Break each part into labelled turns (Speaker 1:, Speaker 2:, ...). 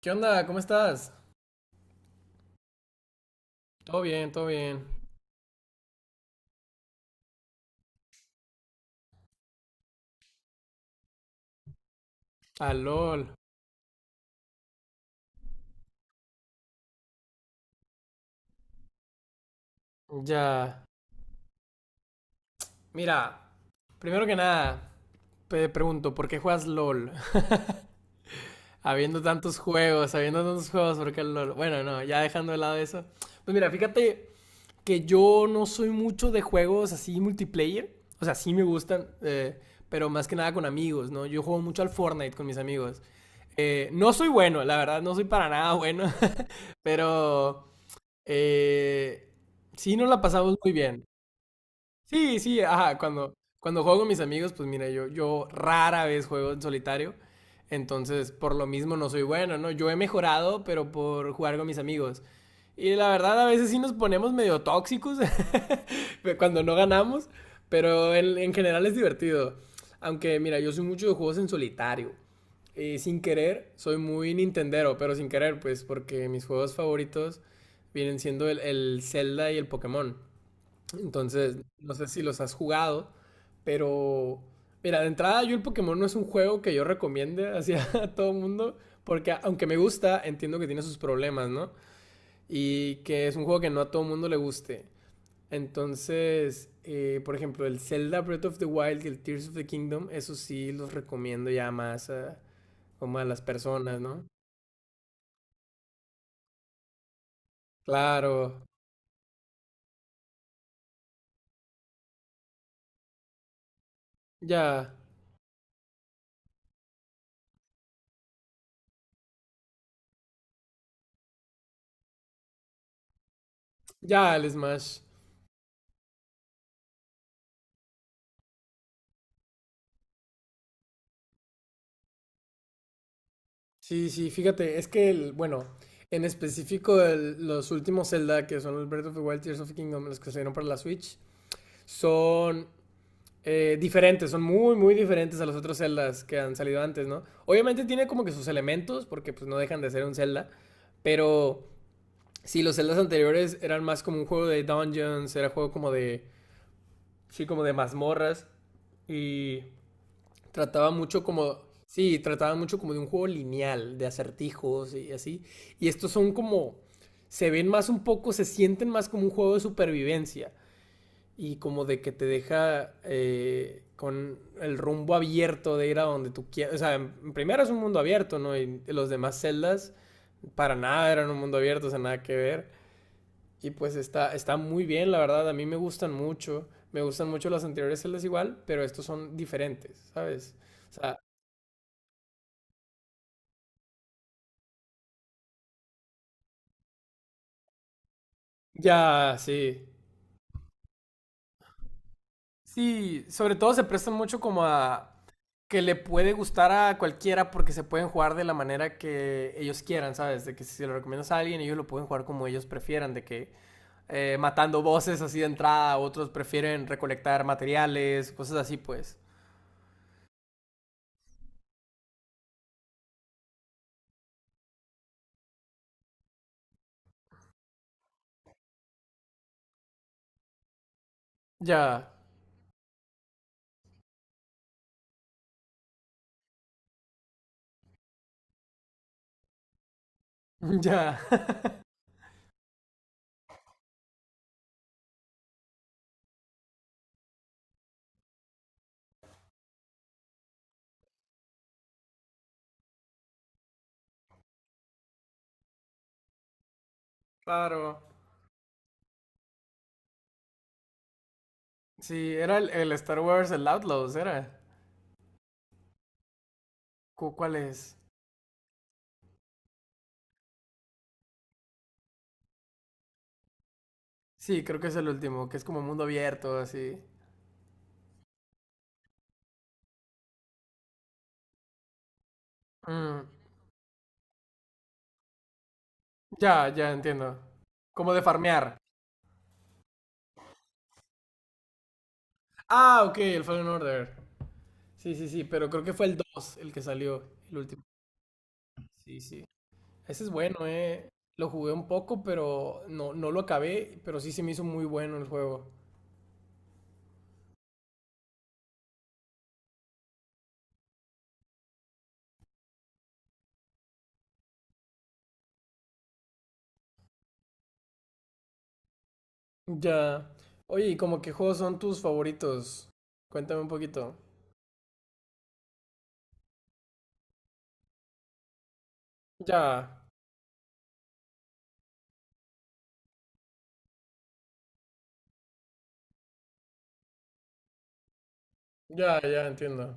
Speaker 1: ¿Qué onda? ¿Cómo estás? Todo bien, todo bien. Ah, LOL. Ya. Mira, primero que nada, te pregunto, ¿por qué juegas LOL? Habiendo tantos juegos, ¿por qué LOL? Bueno, no, ya dejando de lado eso. Pues mira, fíjate que yo no soy mucho de juegos así multiplayer. O sea, sí me gustan, pero más que nada con amigos, ¿no? Yo juego mucho al Fortnite con mis amigos. No soy bueno, la verdad, no soy para nada bueno, pero Eh, sí, nos la pasamos muy bien. Sí, sí, ajá, cuando juego con mis amigos, pues mira, yo rara vez juego en solitario, entonces por lo mismo no soy bueno, ¿no? Yo he mejorado, pero por jugar con mis amigos. Y la verdad, a veces sí nos ponemos medio tóxicos, cuando no ganamos, pero en general es divertido. Aunque, mira, yo soy mucho de juegos en solitario. Y sin querer, soy muy Nintendero, pero sin querer, pues, porque mis juegos favoritos vienen siendo el Zelda y el Pokémon. Entonces, no sé si los has jugado, pero mira, de entrada yo el Pokémon no es un juego que yo recomiende hacia a todo el mundo, porque aunque me gusta, entiendo que tiene sus problemas, ¿no? Y que es un juego que no a todo el mundo le guste. Entonces, por ejemplo, el Zelda Breath of the Wild y el Tears of the Kingdom, eso sí los recomiendo ya más a, como a las personas, ¿no? Claro, ya, ya el Smash. Sí, sí, fíjate, es que, el, bueno, en específico los últimos Zelda, que son el Breath of the Wild, Tears of the Kingdom, los que salieron para la Switch, son diferentes, son muy, muy diferentes a los otros Zeldas que han salido antes, ¿no? Obviamente tiene como que sus elementos, porque pues no dejan de ser un Zelda, pero sí, los Zeldas anteriores eran más como un juego de dungeons, era juego como de. Sí, como de mazmorras. Y trataba mucho como. Sí, trataba mucho como de un juego lineal, de acertijos y así. Y estos son como. Se ven más un poco, se sienten más como un juego de supervivencia. Y como de que te deja con el rumbo abierto de ir a donde tú quieras. O sea, en primero es un mundo abierto, ¿no? Y los demás celdas para nada eran un mundo abierto, o sea, nada que ver. Y pues está, está muy bien, la verdad, a mí me gustan mucho. Me gustan mucho las anteriores celdas igual, pero estos son diferentes, ¿sabes? O sea, ya, sí. Sí, sobre todo se prestan mucho como a que le puede gustar a cualquiera porque se pueden jugar de la manera que ellos quieran, ¿sabes? De que si se lo recomiendas a alguien, ellos lo pueden jugar como ellos prefieran, de que matando voces así de entrada, otros prefieren recolectar materiales, cosas así, pues. Ya, ya. Claro. Sí, era el Star Wars, el Outlaws, era. ¿Cuál es? Sí, creo que es el último, que es como mundo abierto, así. Mm, ya, ya entiendo. Como de farmear. Ah, ok, el Fallen Order. Sí, sí, sí, pero creo que fue el 2 el que salió, el último. Sí, sí. Ese es bueno, eh. Lo jugué un poco, pero no, no lo acabé, pero sí se me hizo muy bueno el juego. Ya. Oye, ¿y como qué juegos son tus favoritos? Cuéntame un poquito. Ya, ya, ya entiendo.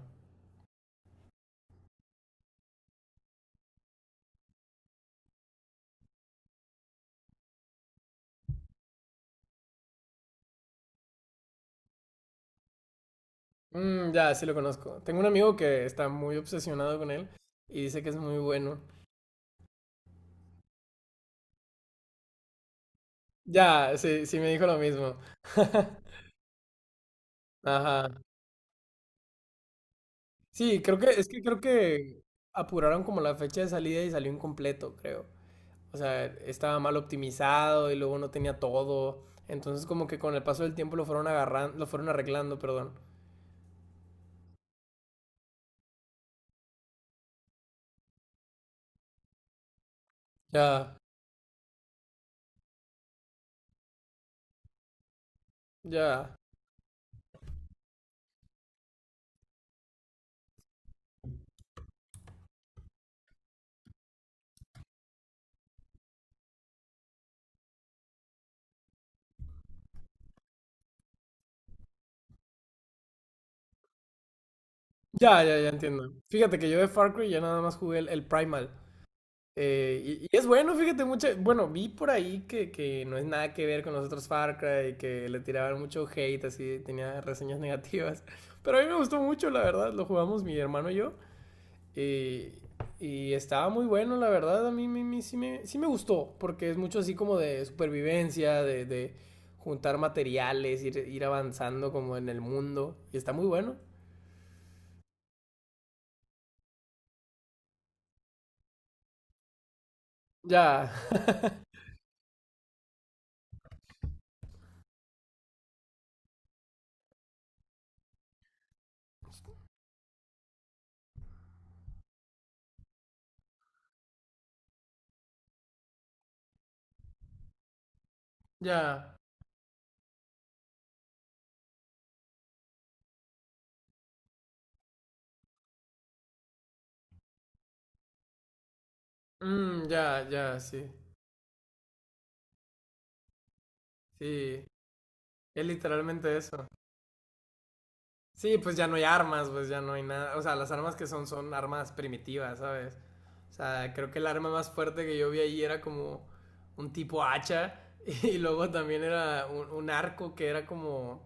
Speaker 1: Mm, ya, sí lo conozco. Tengo un amigo que está muy obsesionado con él y dice que es muy bueno. Ya, sí, sí me dijo lo mismo. Ajá. Sí, creo que, es que creo que apuraron como la fecha de salida y salió incompleto, creo. O sea, estaba mal optimizado y luego no tenía todo. Entonces como que con el paso del tiempo lo fueron agarrando, lo fueron arreglando, perdón. Ya, ya. Ya, ya, ya entiendo. Fíjate que yo de Far Cry ya nada más jugué el Primal. Eh, y es bueno, fíjate, mucho. Bueno, vi por ahí que no es nada que ver con los otros Far Cry, que le tiraban mucho hate, así, tenía reseñas negativas. Pero a mí me gustó mucho, la verdad. Lo jugamos mi hermano y yo. eh, y estaba muy bueno, la verdad. A mí, mí sí me gustó, porque es mucho así como de supervivencia, de juntar materiales, ir, ir avanzando como en el mundo. Y está muy bueno. Ya, ya. Mm, ya, ya, sí. Sí. Es literalmente eso. Sí, pues ya no hay armas, pues ya no hay nada. O sea, las armas que son son armas primitivas, ¿sabes? O sea, creo que el arma más fuerte que yo vi ahí era como un tipo hacha y luego también era un arco que era como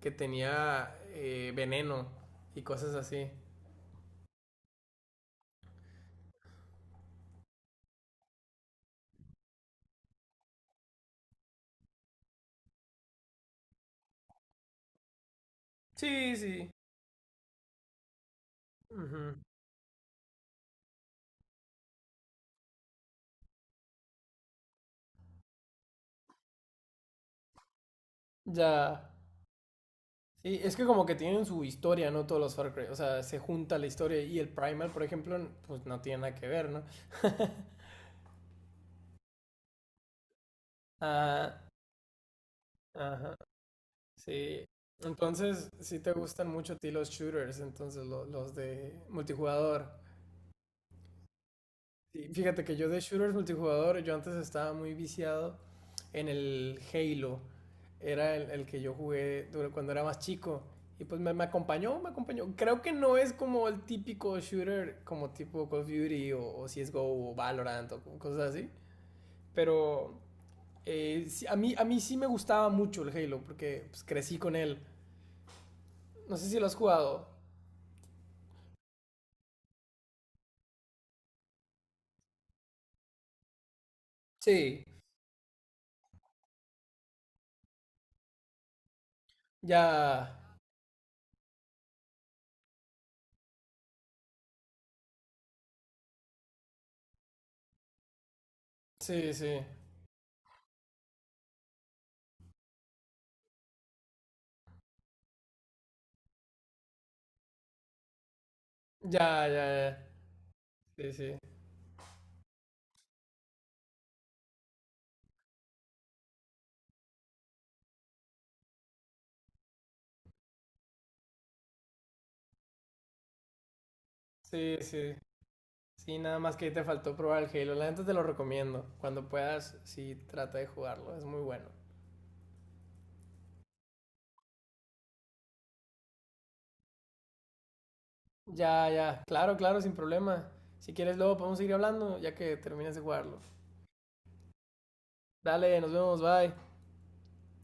Speaker 1: que tenía veneno y cosas así. Sí, sí. Ujú. Ya. Sí, es que como que tienen su historia, ¿no? Todos los Far Cry. O sea, se junta la historia y el Primal, por ejemplo, pues no tiene nada que ver, ¿no? Ah, ajá. Sí. Entonces, sí te gustan mucho a ti los shooters, entonces los de multijugador. Sí, fíjate que yo de shooters multijugador, yo antes estaba muy viciado en el Halo. Era el que yo jugué cuando era más chico. Y pues me acompañó, me acompañó. Creo que no es como el típico shooter como tipo Call of Duty o CSGO o Valorant o cosas así. Pero sí, a mí sí me gustaba mucho el Halo porque pues, crecí con él. No sé si lo has jugado. Sí, ya. Sí, sí. Ya, ya, ya. Sí, sí. Sí, sí. Sí, nada más que ahí te faltó probar el Halo. La gente te lo recomiendo. Cuando puedas, sí, trata de jugarlo. Es muy bueno. Ya, ya. Claro, claro, sin problema. Si quieres, luego podemos seguir hablando ya que termines de jugarlo. Dale, nos vemos, bye.